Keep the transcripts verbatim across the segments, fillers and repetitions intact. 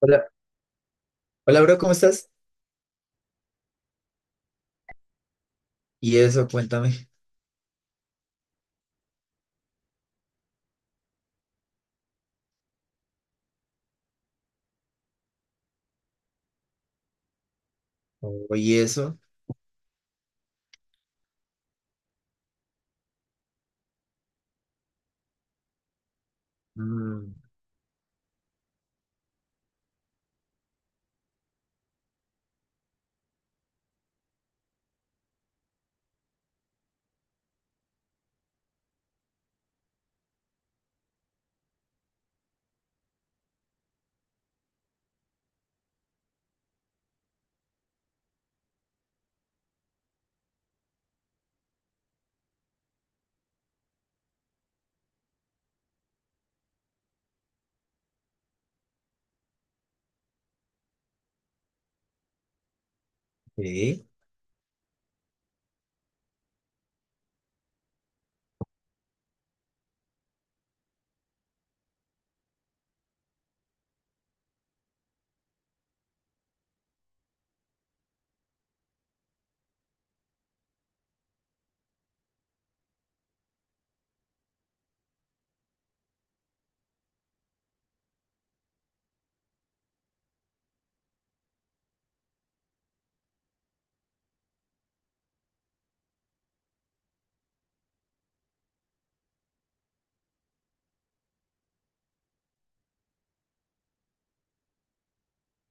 Hola, hola, bro, ¿cómo estás? Y eso, cuéntame. Oye, eso. Mm, ok.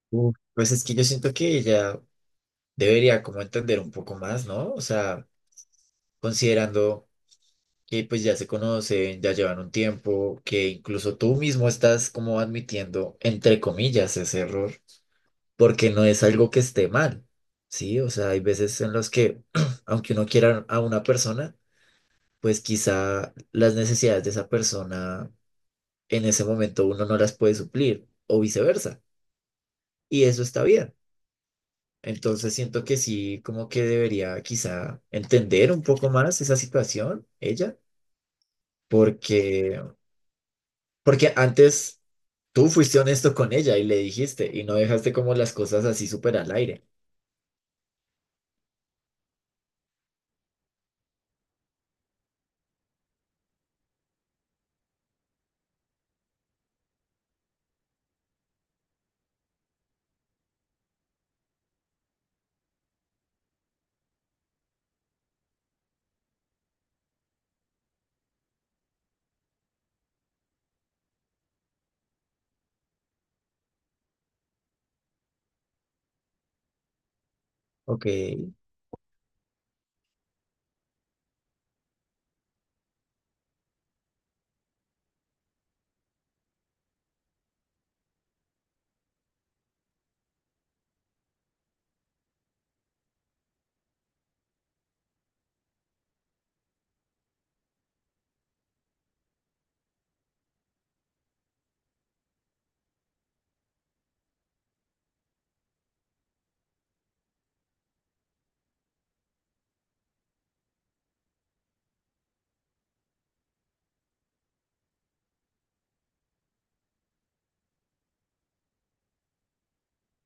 Uf, pues es que yo siento que ella debería como entender un poco más, ¿no? O sea, considerando que pues ya se conocen, ya llevan un tiempo, que incluso tú mismo estás como admitiendo, entre comillas, ese error, porque no es algo que esté mal, ¿sí? O sea, hay veces en los que, aunque uno quiera a una persona, pues quizá las necesidades de esa persona en ese momento uno no las puede suplir o viceversa. Y eso está bien. Entonces siento que sí, como que debería quizá entender un poco más esa situación, ella, porque, porque antes tú fuiste honesto con ella y le dijiste y no dejaste como las cosas así súper al aire. Ok,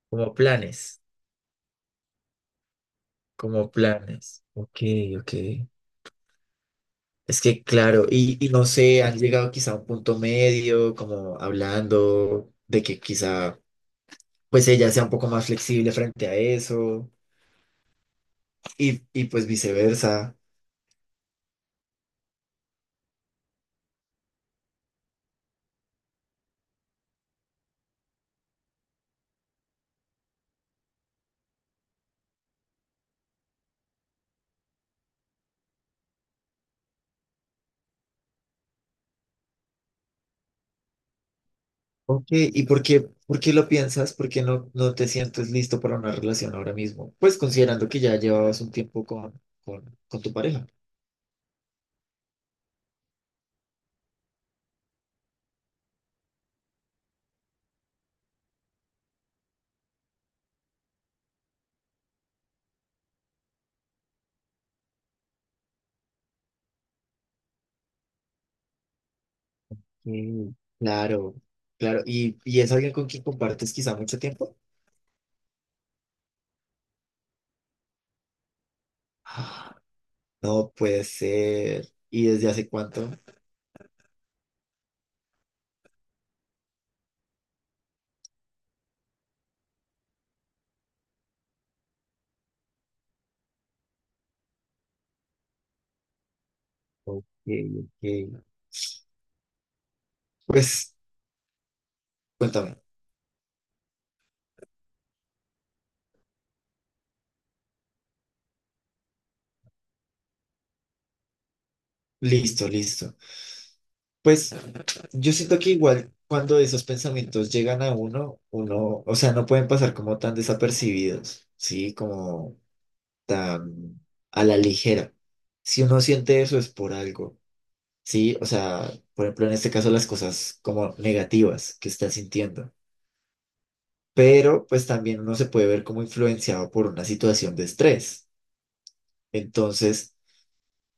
como planes, como planes. Ok, ok. Es que claro, y, y no sé, han llegado quizá a un punto medio, como hablando de que quizá pues ella sea un poco más flexible frente a eso y, y pues viceversa. Ok, ¿y por qué, por qué lo piensas? ¿Por qué no, no te sientes listo para una relación ahora mismo? Pues considerando que ya llevabas un tiempo con, con, con tu pareja. Mm, claro, claro. ¿Y, y es alguien con quien compartes quizá mucho tiempo? Ah, no puede ser. ¿Y desde hace cuánto? Ok, ok. Pues cuéntame. Listo, listo. Pues yo siento que igual cuando esos pensamientos llegan a uno, uno, o sea, no pueden pasar como tan desapercibidos, ¿sí? Como tan a la ligera. Si uno siente eso es por algo, ¿sí? O sea, por ejemplo, en este caso las cosas como negativas que está sintiendo. Pero pues también uno se puede ver como influenciado por una situación de estrés. Entonces...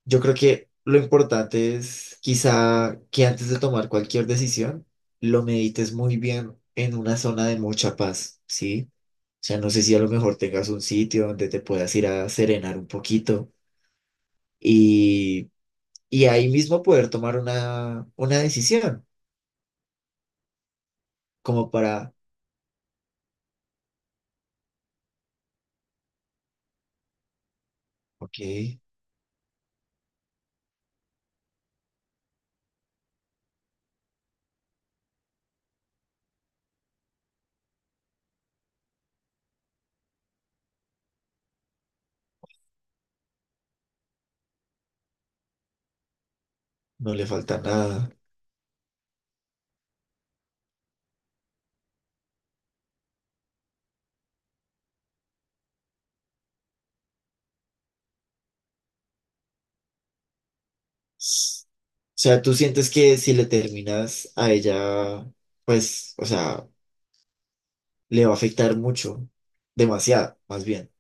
yo creo que lo importante es quizá que antes de tomar cualquier decisión, lo medites muy bien en una zona de mucha paz, ¿sí? O sea, no sé si a lo mejor tengas un sitio donde te puedas ir a serenar un poquito y, y ahí mismo poder tomar una, una decisión, como para, ok, no le falta nada. S- o sea, tú sientes que si le terminas a ella, pues, o sea, le va a afectar mucho, demasiado, más bien.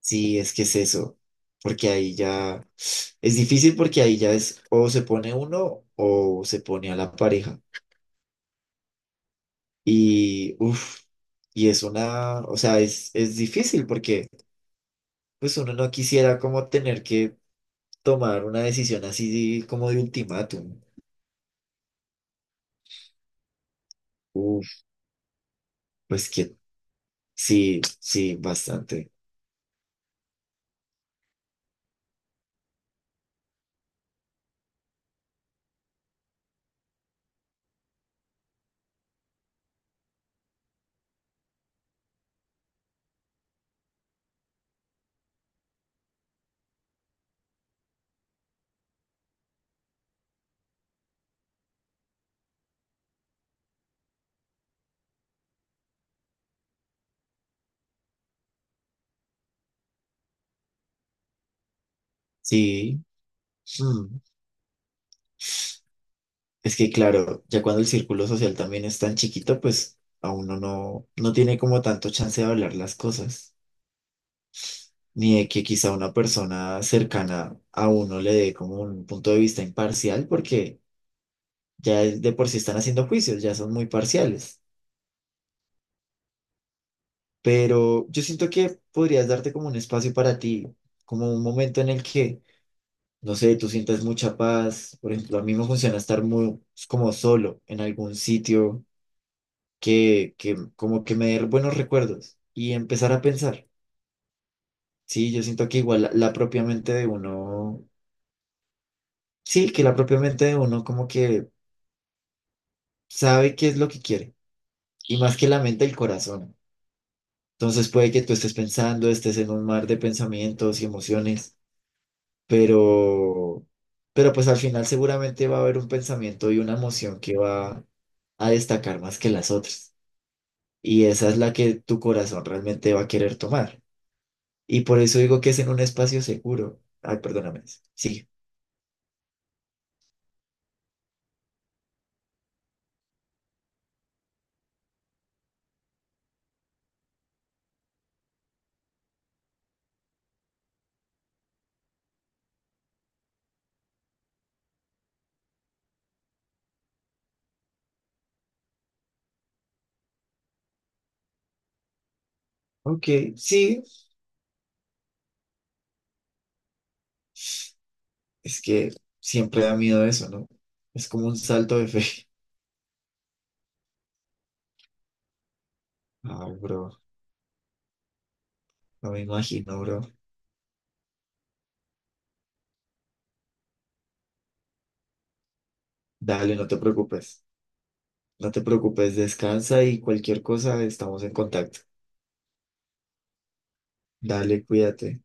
Sí, es que es eso, porque ahí ya es difícil porque ahí ya es o se pone uno o se pone a la pareja. Y uff, y es una, o sea, es, es difícil porque pues uno no quisiera como tener que tomar una decisión así como de ultimátum. Uff, pues que sí, sí, bastante. Sí, mm, es que claro, ya cuando el círculo social también es tan chiquito, pues a uno no, no tiene como tanto chance de hablar las cosas. Ni de que quizá una persona cercana a uno le dé como un punto de vista imparcial, porque ya es- de por sí están haciendo juicios, ya son muy parciales. Pero yo siento que podrías darte como un espacio para ti, como un momento en el que, no sé, tú sientas mucha paz. Por ejemplo, a mí me funciona estar muy pues, como solo en algún sitio que, que como que me dé buenos recuerdos y empezar a pensar. Sí, yo siento que igual la la propia mente de uno, sí, que la propia mente de uno como que sabe qué es lo que quiere, y más que la mente, el corazón. Entonces puede que tú estés pensando, estés en un mar de pensamientos y emociones, pero, pero pues al final seguramente va a haber un pensamiento y una emoción que va a destacar más que las otras. Y esa es la que tu corazón realmente va a querer tomar. Y por eso digo que es en un espacio seguro. Ay, perdóname. Sí. Ok, sí. Es que siempre da miedo eso, ¿no? Es como un salto de fe. Ay, bro. No me imagino, bro. Dale, no te preocupes. No te preocupes, descansa y cualquier cosa estamos en contacto. Dale, cuídate.